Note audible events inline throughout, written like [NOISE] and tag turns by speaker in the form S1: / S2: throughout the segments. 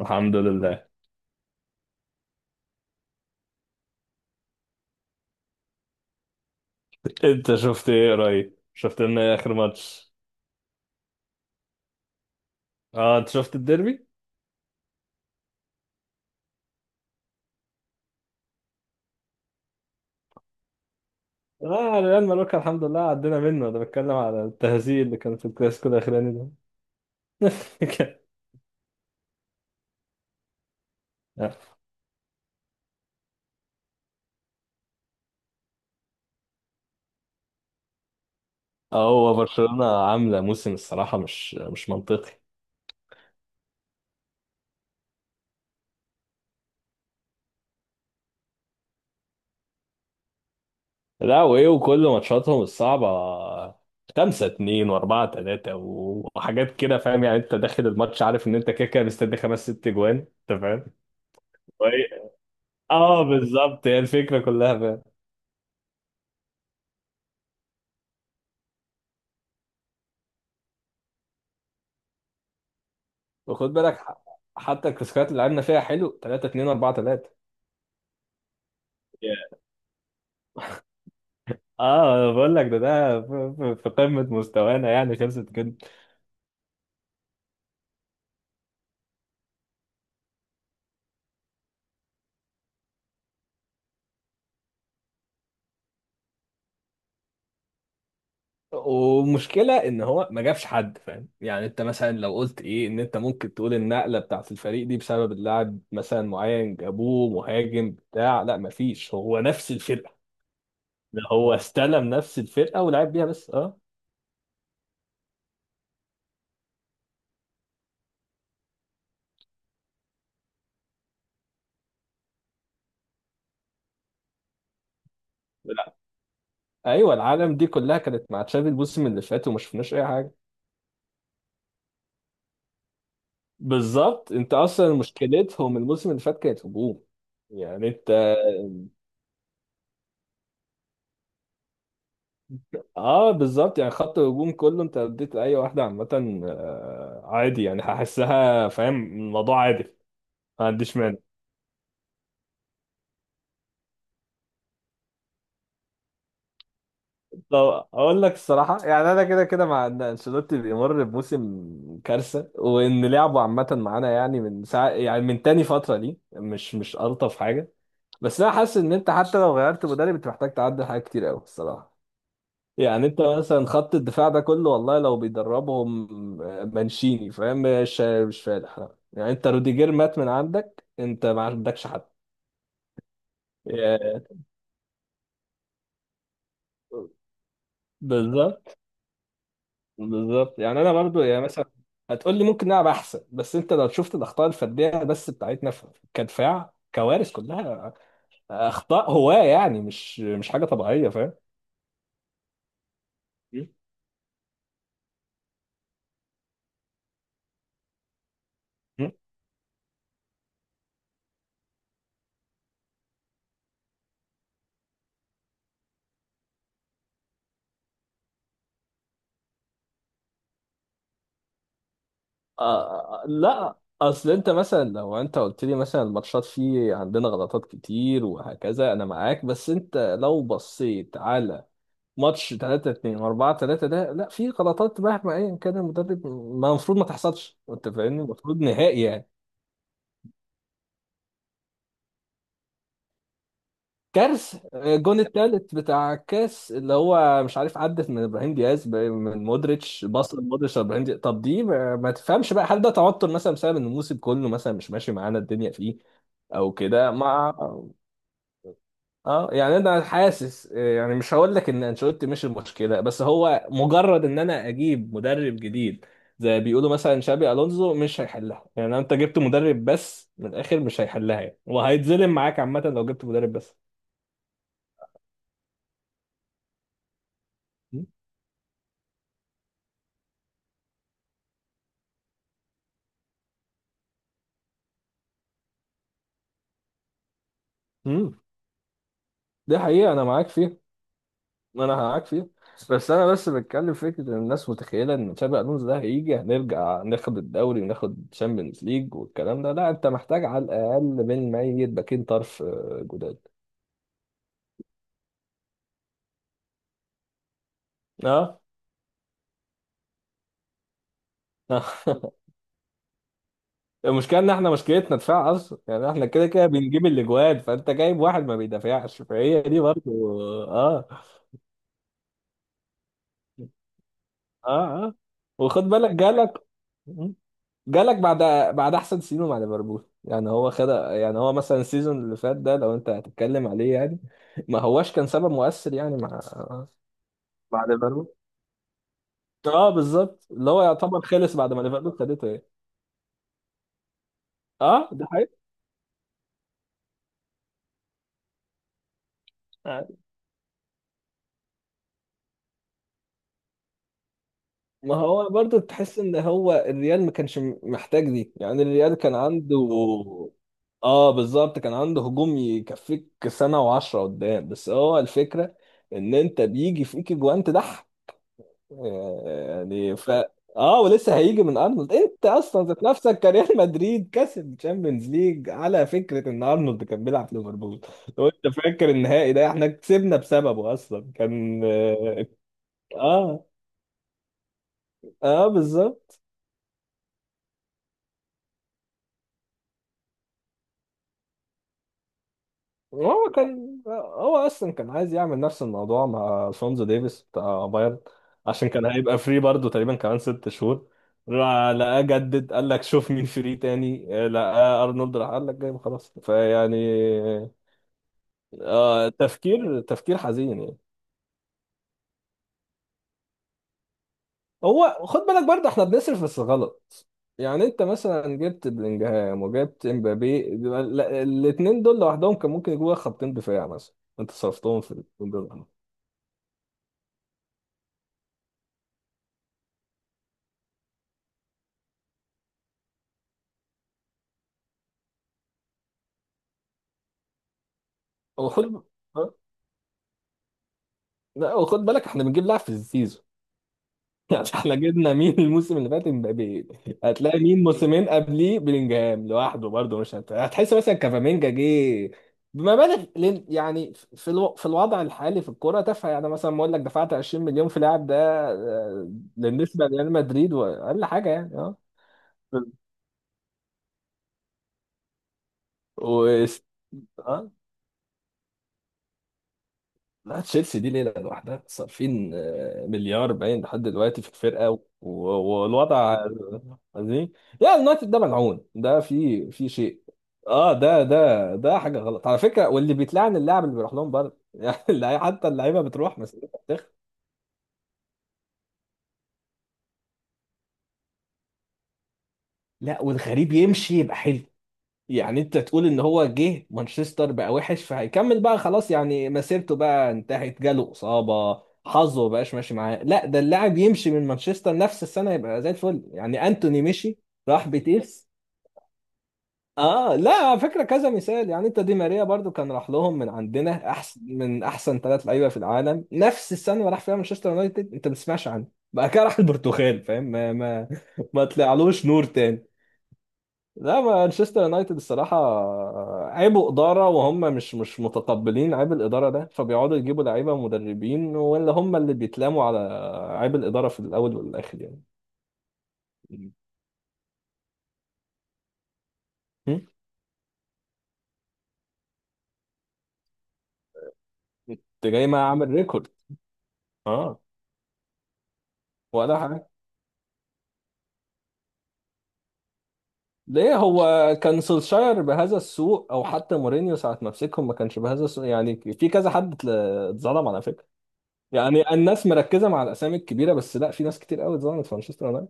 S1: الحمد لله. انت شفت ايه قريب؟ شفت لنا ايه اخر ماتش؟ اه، انت شفت الديربي؟ اه، ريال ماروكا الحمد لله عدينا منه. انا بتكلم على التهزيء اللي كان في الكلاسيكو الاخراني ده. [LAUGHS] اه، هو برشلونة عاملة موسم الصراحة مش منطقي. لا وايه، وكل ماتشاتهم الصعبة خمسة اتنين واربعة تلاتة وحاجات كده، فاهم يعني؟ انت داخل الماتش عارف ان انت كده كده مستني خمس ست جوان، انت فاهم؟ [LAUGHS] وإيه- اه، بالظبط هي الفكرة كلها. وخد بالك، حتى الكلاسيكيات اللي لعبنا فيها حلو 3-2 4-3. اه، انا بقول لك ده في في قمة مستوانا يعني، خلصت كده. ومشكلة ان هو ما جابش حد، فاهم يعني؟ انت مثلا لو قلت ايه ان انت ممكن تقول النقلة بتاعت الفريق دي بسبب اللاعب مثلا معين جابوه مهاجم بتاع، لا، مفيش، هو نفس الفرقة. ده هو استلم نفس الفرقة ولعب بيها بس. اه، لا، ايوه، العالم دي كلها كانت مع تشافي الموسم اللي فات وما شفناش اي حاجة. بالظبط، انت اصلا مشكلتهم الموسم اللي فات كانت هجوم، يعني انت. اه بالظبط، يعني خط الهجوم كله، انت لو اديت اي واحده عامه عادي يعني، هحسها، فاهم الموضوع عادي، ما عنديش مانع. طب اقول لك الصراحه، يعني انا كده كده مع ان انشيلوتي بيمر بموسم كارثه وان لعبه عامه معانا يعني من ساعه، يعني من تاني فتره دي مش الطف حاجه. بس انا حاسس ان انت حتى لو غيرت مدرب، انت محتاج تعدل حاجات كتير قوي الصراحه. يعني انت مثلا خط الدفاع ده كله، والله لو بيدربهم مانشيني، فاهم، مش فالح، لا. يعني انت روديجير مات من عندك، انت ما عندكش حد. يا- بالظبط. بالظبط، يعني انا برضو يعني مثلا هتقول لي ممكن نلعب احسن، بس انت لو شفت الاخطاء الفرديه بس بتاعتنا كدفاع كوارث كلها. اخطاء هواه يعني، مش حاجه طبيعيه، فاهم. لا، اصل انت مثلا لو انت قلت لي مثلا الماتشات فيه عندنا غلطات كتير وهكذا انا معاك، بس انت لو بصيت على ماتش 3-2 4-3 ده، لا، في غلطات مهما ايا كان المدرب ما المفروض ما تحصلش، انت فاهمني؟ المفروض نهائي يعني. كارثه. الجون التالت بتاع الكاس اللي هو مش عارف عدت من ابراهيم دياز من مودريتش، بص مودريتش ابراهيم دياز، طب دي ما تفهمش بقى، هل ده توتر مثلا بسبب ان الموسم كله مثلا مش ماشي معانا الدنيا فيه او كده مع. اه، يعني انا حاسس يعني مش هقول لك ان انشيلوتي مش المشكله، بس هو مجرد ان انا اجيب مدرب جديد زي ما بيقولوا مثلا شابي الونزو مش هيحلها، يعني انت جبت مدرب بس، من الاخر مش هيحلها يعني، وهيتظلم معاك عامه لو جبت مدرب بس. امم دي حقيقه انا معاك فيها. ما انا معاك فيه. بس انا بس بتكلم فكره ان الناس متخيله ان تشابي الونسو ده هيجي، هنرجع ناخد الدوري وناخد تشامبيونز ليج والكلام ده، لا، انت محتاج على الاقل من ميت باكين طرف جداد. اه. آه. [LAUGHS] المشكله ان احنا مشكلتنا دفاع اصلا، يعني احنا كده كده بنجيب الاجوان، فانت جايب واحد ما بيدافعش، فهي دي برضه. اه، اه، اه، وخد بالك جالك. مم. جالك بعد، بعد احسن سيزون مع ليفربول، يعني هو خد، يعني هو مثلا السيزون اللي فات ده لو انت هتتكلم عليه يعني، ما هواش كان سبب مؤثر يعني مع، مع ليفربول. اه بالظبط، اللي هو يعتبر خلص بعد ما ليفربول خدته ايه. اه، ده حقيقي. ما هو برضو تحس ان هو الريال ما كانش محتاج دي، يعني الريال كان عنده. اه بالظبط، كان عنده هجوم يكفيك سنة وعشرة قدام، بس هو الفكرة ان انت بيجي فيك جوان تضحك يعني، ف اه، ولسه هيجي من ارنولد، انت اصلا ذات نفسك كريال مدريد كسب تشامبيونز ليج على فكرة ان ارنولد كان بيلعب في ليفربول، لو انت فاكر النهائي ده احنا كسبنا بسببه اصلا، كان اه، اه، آه، بالظبط. وهو كان، هو اصلا كان عايز يعمل نفس الموضوع مع شونزو ديفيس بتاع بايرن، عشان كان هيبقى فري برضه تقريبا كمان ست شهور، راح لقاه جدد، قال لك شوف مين فري تاني، لقاه ارنولد، راح قال لك جايبه خلاص، فيعني آه، تفكير تفكير حزين يعني. هو خد بالك، برضه احنا بنصرف بس غلط، يعني انت مثلا جبت بلينجهام وجبت امبابي، الاثنين دول لوحدهم كان ممكن يجوا خطين دفاع مثلا، انت صرفتهم في الاتنين دول. وخد لا، وخد بالك احنا بنجيب لاعب في السيزون. [LAUGHS] يعني احنا جبنا مين الموسم اللي فات؟ امبابي. هتلاقي مين موسمين قبليه؟ بلينجهام لوحده برضه، مش هتحس، مثلا كافامينجا جه بمبالغ يعني في في الوضع الحالي في الكوره تافهه يعني، مثلا بقول لك دفعت 20 مليون في لاعب ده آه، بالنسبه لريال مدريد واقل حاجه يعني. اه، و... اه، لا، تشيلسي دي ليله لوحدها صارفين مليار باين لحد دلوقتي في الفرقه والوضع دي. لا، اليونايتد ده ملعون، ده في في شيء. اه، ده حاجه غلط على فكره، واللي بيتلعن اللاعب اللي بيروح لهم برضه. [LAUGHS] يعني حتى اللعيبه بتروح مسيرتها بتخ. لا، والغريب يمشي يبقى حلو، يعني انت تقول ان هو جه مانشستر بقى وحش فهيكمل بقى خلاص يعني مسيرته بقى انتهت، جاله اصابه، حظه ما بقاش ماشي معاه، لا، ده اللاعب يمشي من مانشستر نفس السنه يبقى زي الفل. يعني انتوني مشي، راح بيتيس. اه، لا، على فكره كذا مثال، يعني انت دي ماريا برضو كان راح لهم من عندنا احسن من احسن ثلاث لعيبه في العالم، نفس السنه اللي راح فيها مانشستر يونايتد انت ما بتسمعش عنه، بقى كده راح البرتغال، فاهم، ما طلعلوش نور تاني. لا، مانشستر يونايتد الصراحة عيبوا إدارة، وهم مش متقبلين عيب الإدارة ده، فبيقعدوا يجيبوا لعيبة ومدربين، ولا هم اللي بيتلاموا على عيب الإدارة في الأول والآخر يعني. م? أنت جاي ما أعمل ريكورد. أه، ولا حاجة. ليه هو كان سولشاير بهذا السوء؟ أو حتى مورينيو ساعة ما مسكهم ما كانش بهذا السوء. يعني في كذا حد اتظلم على فكرة، يعني الناس مركزة مع الأسامي الكبيرة بس، لا، في ناس كتير قوي اتظلمت في مانشستر يونايتد.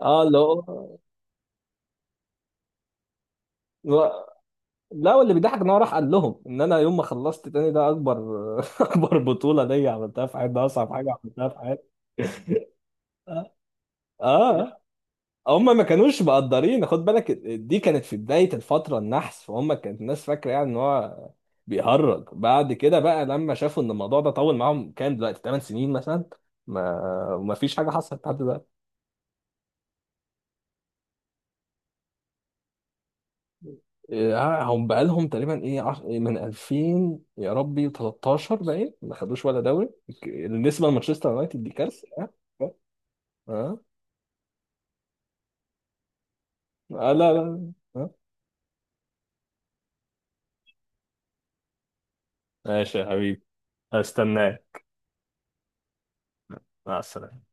S1: اه، اللي هو، لا، واللي بيضحك ان هو راح قال لهم ان انا يوم ما خلصت تاني ده اكبر، [LAUGHS] اكبر بطوله ليا عملتها في حياتي، ده اصعب حاجه عملتها في حياتي. اه، آه. هم ما كانوش مقدرين، خد بالك دي كانت في بدايه الفتره النحس، فهم كانت الناس فاكره يعني ان هو بيهرج، بعد كده بقى لما شافوا ان الموضوع ده طول معاهم، كام دلوقتي، 8 سنين مثلا، ما ما فيش حاجه حصلت لحد دلوقتي. آه، هم بقالهم تقريبا ايه، إيه، من 2000 يا ربي 13، باين ما خدوش ولا دوري. النسبه لمانشستر يونايتد دي كارثه. اه، اه، آه، لا لا، آه. ماشي يا حبيبي. هستناك. مع السلامه.